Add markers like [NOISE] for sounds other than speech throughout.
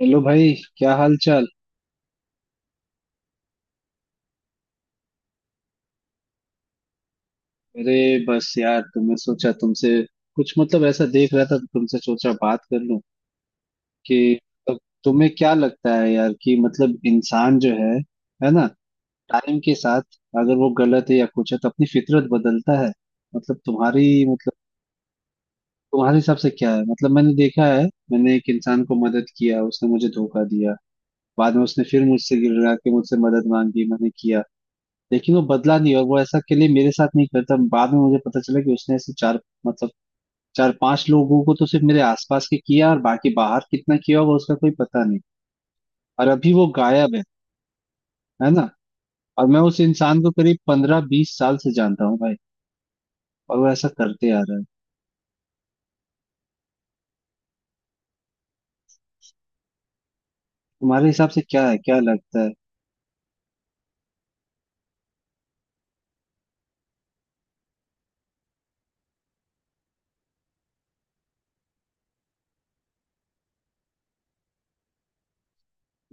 Hello भाई। क्या हाल चाल। अरे बस यार, तो मैं सोचा तुमसे कुछ मतलब ऐसा देख रहा था तो तुमसे सोचा बात कर लूं कि मतलब तुम्हें क्या लगता है यार कि मतलब इंसान जो है ना, टाइम के साथ अगर वो गलत है या कुछ है तो अपनी फितरत बदलता है। मतलब तुम्हारी मतलब तुम्हारे हिसाब से क्या है। मतलब मैंने देखा है, मैंने एक इंसान को मदद किया, उसने मुझे धोखा दिया। बाद में उसने फिर मुझसे गिड़ रहा कि मुझसे मदद मांगी, मैंने किया। लेकिन वो बदला नहीं, और वो ऐसा के लिए मेरे साथ नहीं करता। बाद में मुझे पता चला कि उसने ऐसे चार मतलब चार पांच लोगों को तो सिर्फ मेरे आसपास के किया, और बाकी बाहर कितना किया होगा उसका कोई पता नहीं। और अभी वो गायब है ना। और मैं उस इंसान को करीब पंद्रह बीस साल से जानता हूँ भाई, और वो ऐसा करते आ रहा है। तुम्हारे हिसाब से क्या है, क्या लगता है।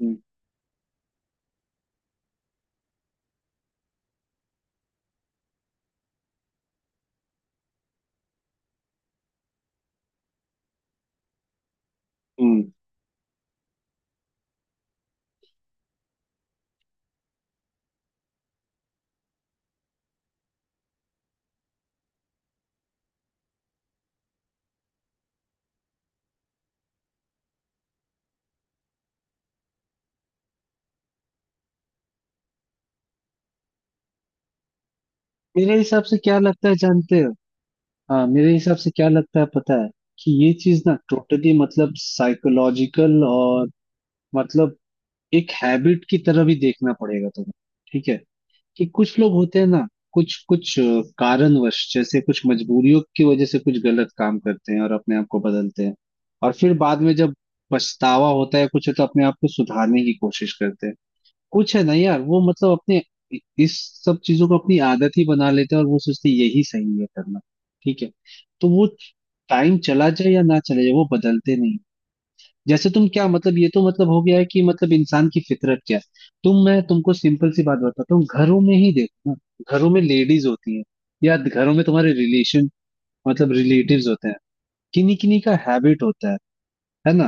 हम्म, हम्म। मेरे हिसाब से क्या लगता है जानते हो। हाँ, मेरे हिसाब से क्या लगता है पता है कि ये चीज ना टोटली मतलब साइकोलॉजिकल और मतलब एक हैबिट की तरह भी देखना पड़ेगा तुम्हें। ठीक है। कि कुछ लोग होते हैं ना, कुछ कुछ अ, कारणवश, जैसे कुछ मजबूरियों की वजह से कुछ गलत काम करते हैं और अपने आप को बदलते हैं। और फिर बाद में जब पछतावा होता है कुछ, तो अपने आप को सुधारने की कोशिश करते हैं। कुछ है ना यार, वो मतलब अपने इस सब चीजों को अपनी आदत ही बना लेते हैं और वो सोचते हैं यही सही है करना। ठीक है। तो वो टाइम चला जाए या ना चले जाए, वो बदलते नहीं। जैसे तुम क्या मतलब, ये तो मतलब हो गया है कि मतलब इंसान की फितरत क्या है। तुम मैं तुमको सिंपल सी बात बताता हूँ, घरों में ही देखो ना। घरों में लेडीज होती हैं, या घरों में तुम्हारे रिलेशन मतलब रिलेटिव्स होते हैं। किन्हीं किन्हीं का हैबिट होता है ना।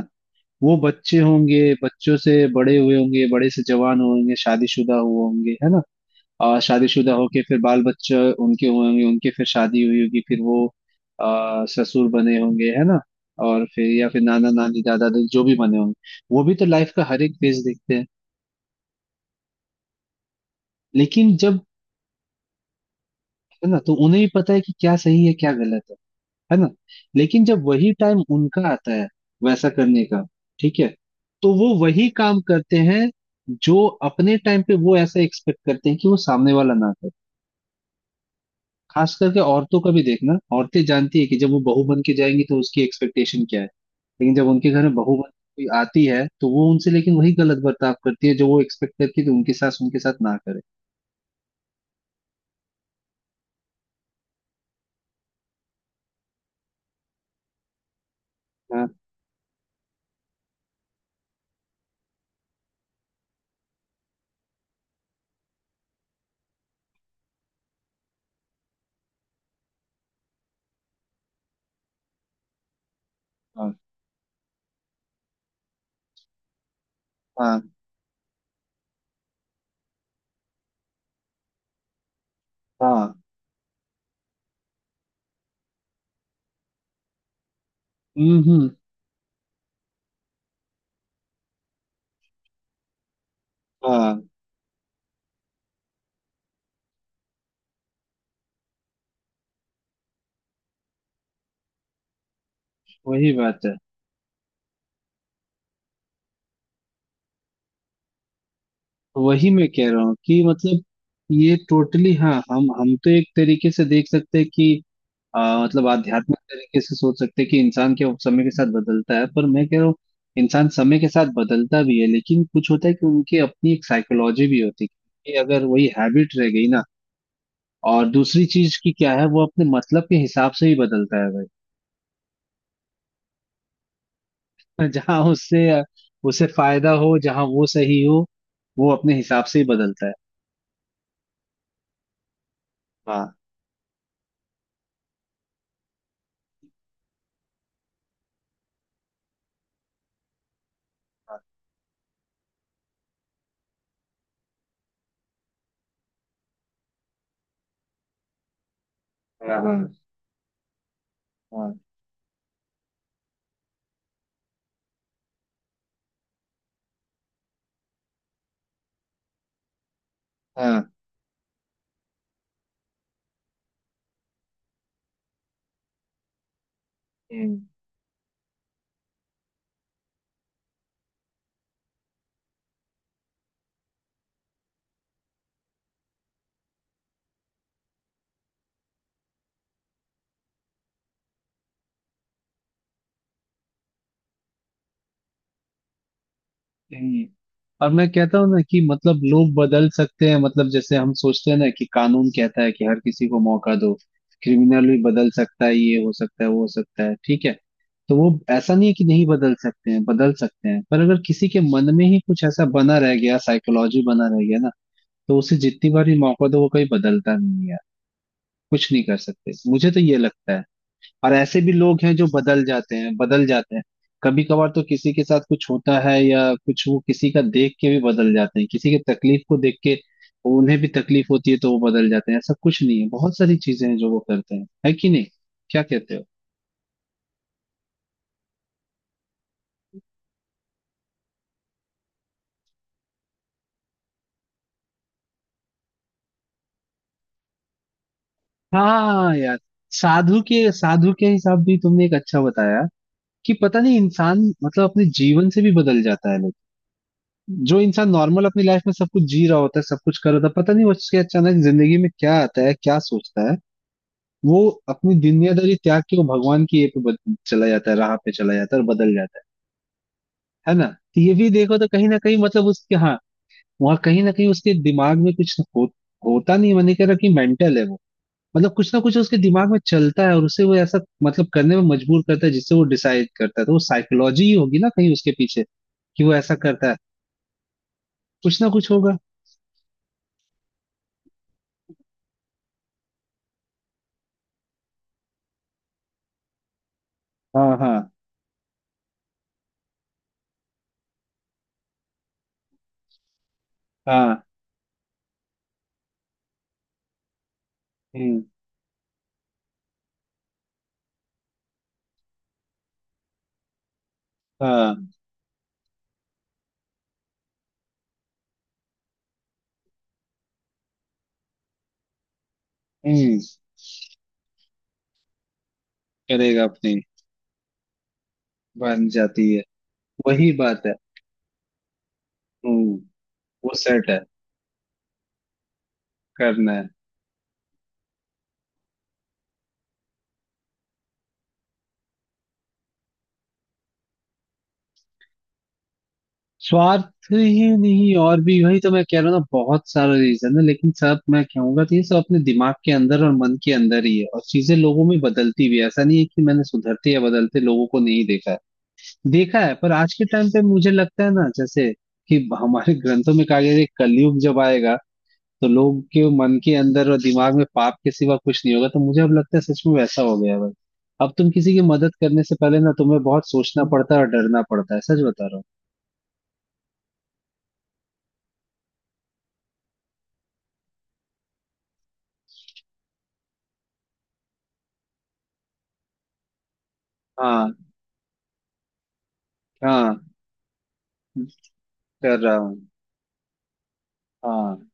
वो बच्चे होंगे, बच्चों से बड़े हुए होंगे, बड़े से जवान हुए होंगे, शादीशुदा हुए होंगे, है ना। शादीशुदा होके फिर बाल बच्चे उनके हुए होंगे, उनके फिर शादी हुई होगी, फिर वो ससुर बने होंगे, है ना। और फिर या फिर नाना नानी दादा दादी जो भी बने होंगे, वो भी तो लाइफ का हर एक फेज देखते हैं। लेकिन जब, है ना, तो उन्हें भी पता है कि क्या सही है क्या गलत है ना। लेकिन जब वही टाइम उनका आता है वैसा करने का, ठीक है, तो वो वही काम करते हैं जो अपने टाइम पे वो ऐसा एक्सपेक्ट करते हैं कि वो सामने वाला ना करे। खास करके औरतों का भी देखना, औरतें जानती है कि जब वो बहू बन के जाएंगी तो उसकी एक्सपेक्टेशन क्या है। लेकिन जब उनके घर में बहू बन कोई आती है, तो वो उनसे लेकिन वही गलत बर्ताव करती है जो वो एक्सपेक्ट करती है कि उनकी सास उनके साथ ना करे। हाँ, हाँ, हाँ, हाँ, हम्म, हाँ। वही बात है। तो वही मैं कह रहा हूँ कि मतलब ये टोटली, हाँ, हम तो एक तरीके से देख सकते हैं कि मतलब आध्यात्मिक तरीके से सोच सकते हैं कि इंसान के समय के साथ बदलता है, पर मैं कह रहा हूँ इंसान समय के साथ बदलता भी है, लेकिन कुछ होता है कि उनकी अपनी एक साइकोलॉजी भी होती है कि अगर वही हैबिट रह गई ना। और दूसरी चीज की क्या है, वो अपने मतलब के हिसाब से ही बदलता है भाई। [LAUGHS] जहाँ उससे उसे फायदा हो, जहाँ वो सही हो, वो अपने हिसाब से ही बदलता है। हाँ, हाँ, हाँ, हाँ, हाँ। हाँ, नहीं। और मैं कहता हूँ ना कि मतलब लोग बदल सकते हैं, मतलब जैसे हम सोचते हैं ना कि कानून कहता है कि हर किसी को मौका दो, क्रिमिनल भी बदल सकता है, ये हो सकता है वो हो सकता है, ठीक है। तो वो ऐसा नहीं है कि नहीं बदल सकते हैं, बदल सकते हैं, पर अगर किसी के मन में ही कुछ ऐसा बना रह गया, साइकोलॉजी बना रह गया ना, तो उसे जितनी बार ही मौका दो वो कहीं बदलता नहीं है। कुछ नहीं कर सकते, मुझे तो ये लगता है। और ऐसे भी लोग हैं जो बदल जाते हैं, बदल जाते हैं। कभी कभार तो किसी के साथ कुछ होता है, या कुछ वो किसी का देख के भी बदल जाते हैं, किसी के तकलीफ को देख के उन्हें भी तकलीफ होती है तो वो बदल जाते हैं। ऐसा कुछ नहीं है, बहुत सारी चीजें हैं जो वो करते हैं, है कि नहीं, क्या कहते हो। हाँ यार, साधु के हिसाब भी तुमने एक अच्छा बताया कि पता नहीं इंसान मतलब अपने जीवन से भी बदल जाता है लोग। जो इंसान नॉर्मल अपनी लाइफ में सब कुछ जी रहा होता है, सब कुछ कर रहा होता है, पता नहीं उसके अचानक जिंदगी में क्या आता है, क्या सोचता है, वो अपनी दुनियादारी त्याग के वो भगवान की ये पे चला जाता है, राह पे चला जाता है और बदल जाता है ना। तो ये भी देखो तो कहीं ना कहीं मतलब उसके, हाँ, वहाँ कहीं ना कहीं उसके दिमाग में कुछ होता। नहीं मैंने कह रहा कि मेंटल है वो, मतलब कुछ ना कुछ उसके दिमाग में चलता है और उसे वो ऐसा मतलब करने में मजबूर करता है जिससे वो डिसाइड करता है, तो वो साइकोलॉजी ही होगी ना कहीं उसके पीछे कि वो ऐसा करता है, कुछ ना कुछ होगा। हाँ, हाँ, हाँ, हम्म, हाँ, हम्म। करेगा अपनी, बन जाती है, वही बात है। हम्म। वो सेट है, करना है। स्वार्थ ही नहीं और भी, वही तो मैं कह रहा हूँ ना, बहुत सारा रीजन है, लेकिन सब मैं कहूंगा तो ये सब अपने दिमाग के अंदर और मन के अंदर ही है। और चीजें लोगों में बदलती भी है, ऐसा नहीं है कि मैंने सुधरते या बदलते लोगों को नहीं देखा है। देखा है, पर आज के टाइम पे मुझे लगता है ना, जैसे कि हमारे ग्रंथों में कहा गया है कि कलयुग जब आएगा तो लोग के मन के अंदर और दिमाग में पाप के सिवा कुछ नहीं होगा, तो मुझे अब लगता है सच में वैसा हो गया है भाई। अब तुम किसी की मदद करने से पहले ना तुम्हें बहुत सोचना पड़ता है और डरना पड़ता है, सच बता रहा हूँ। हाँ, हाँ, कर रहा हूँ, हाँ।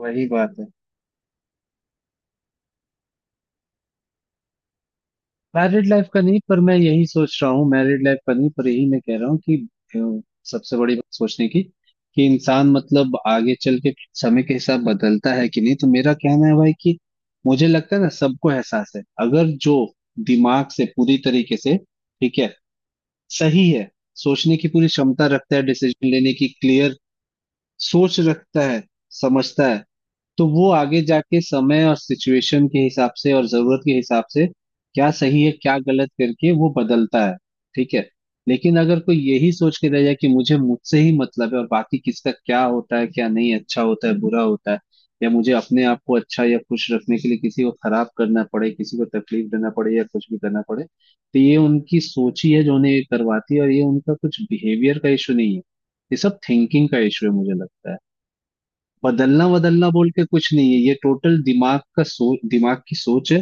वही बात है। मैरिड लाइफ का नहीं, पर मैं यही सोच रहा हूँ, मैरिड लाइफ का नहीं, पर यही मैं कह रहा हूँ कि अ, सबसे बड़ी बात सोचने की कि इंसान मतलब आगे चल के समय के हिसाब बदलता है कि नहीं, तो मेरा कहना है भाई कि मुझे लगता है ना, सबको एहसास है। अगर जो दिमाग से पूरी तरीके से ठीक है, सही है, सोचने की पूरी क्षमता रखता है, डिसीजन लेने की क्लियर सोच रखता है, समझता है, तो वो आगे जाके समय और सिचुएशन के हिसाब से और जरूरत के हिसाब से क्या सही है क्या गलत करके वो बदलता है, ठीक है। लेकिन अगर कोई यही सोच के रह जाए कि मुझे मुझसे ही मतलब है और बाकी किसका क्या होता है क्या नहीं, अच्छा होता है बुरा होता है, या मुझे अपने आप को अच्छा या खुश रखने के लिए किसी को खराब करना पड़े, किसी को तकलीफ देना पड़े या कुछ भी करना पड़े, तो ये उनकी सोच ही है जो उन्हें ये करवाती है, और ये उनका कुछ बिहेवियर का इशू नहीं है, ये सब थिंकिंग का इशू है, मुझे लगता है। बदलना बदलना बोल के कुछ नहीं है, ये टोटल दिमाग का सोच, दिमाग की सोच है।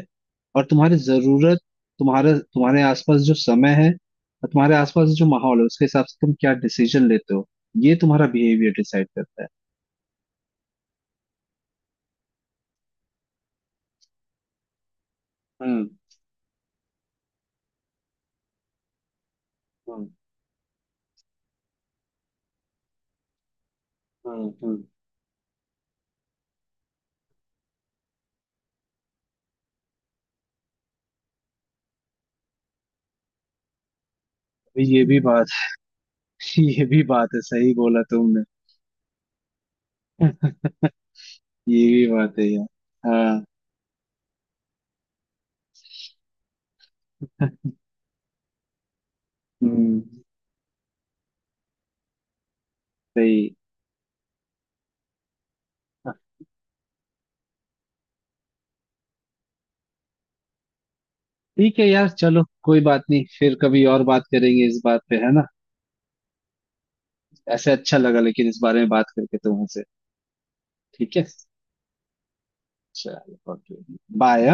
और तुम्हारी जरूरत, तुम्हारे तुम्हारे आसपास जो समय है और तुम्हारे आसपास जो माहौल है, उसके हिसाब से तुम क्या डिसीजन लेते हो, ये तुम्हारा बिहेवियर डिसाइड करता है। हम्म, हम्म, हम्म, अभी ये भी बात, [LAUGHS] ये भी बात है, सही बोला तुमने। [LAUGHS] ये भी बात है यार। हाँ, हम्म, सही। ठीक है यार, चलो कोई बात नहीं, फिर कभी और बात करेंगे इस बात पे, है ना। ऐसे अच्छा लगा लेकिन इस बारे में बात करके तुमसे। ठीक है, चलो ओके, बाय।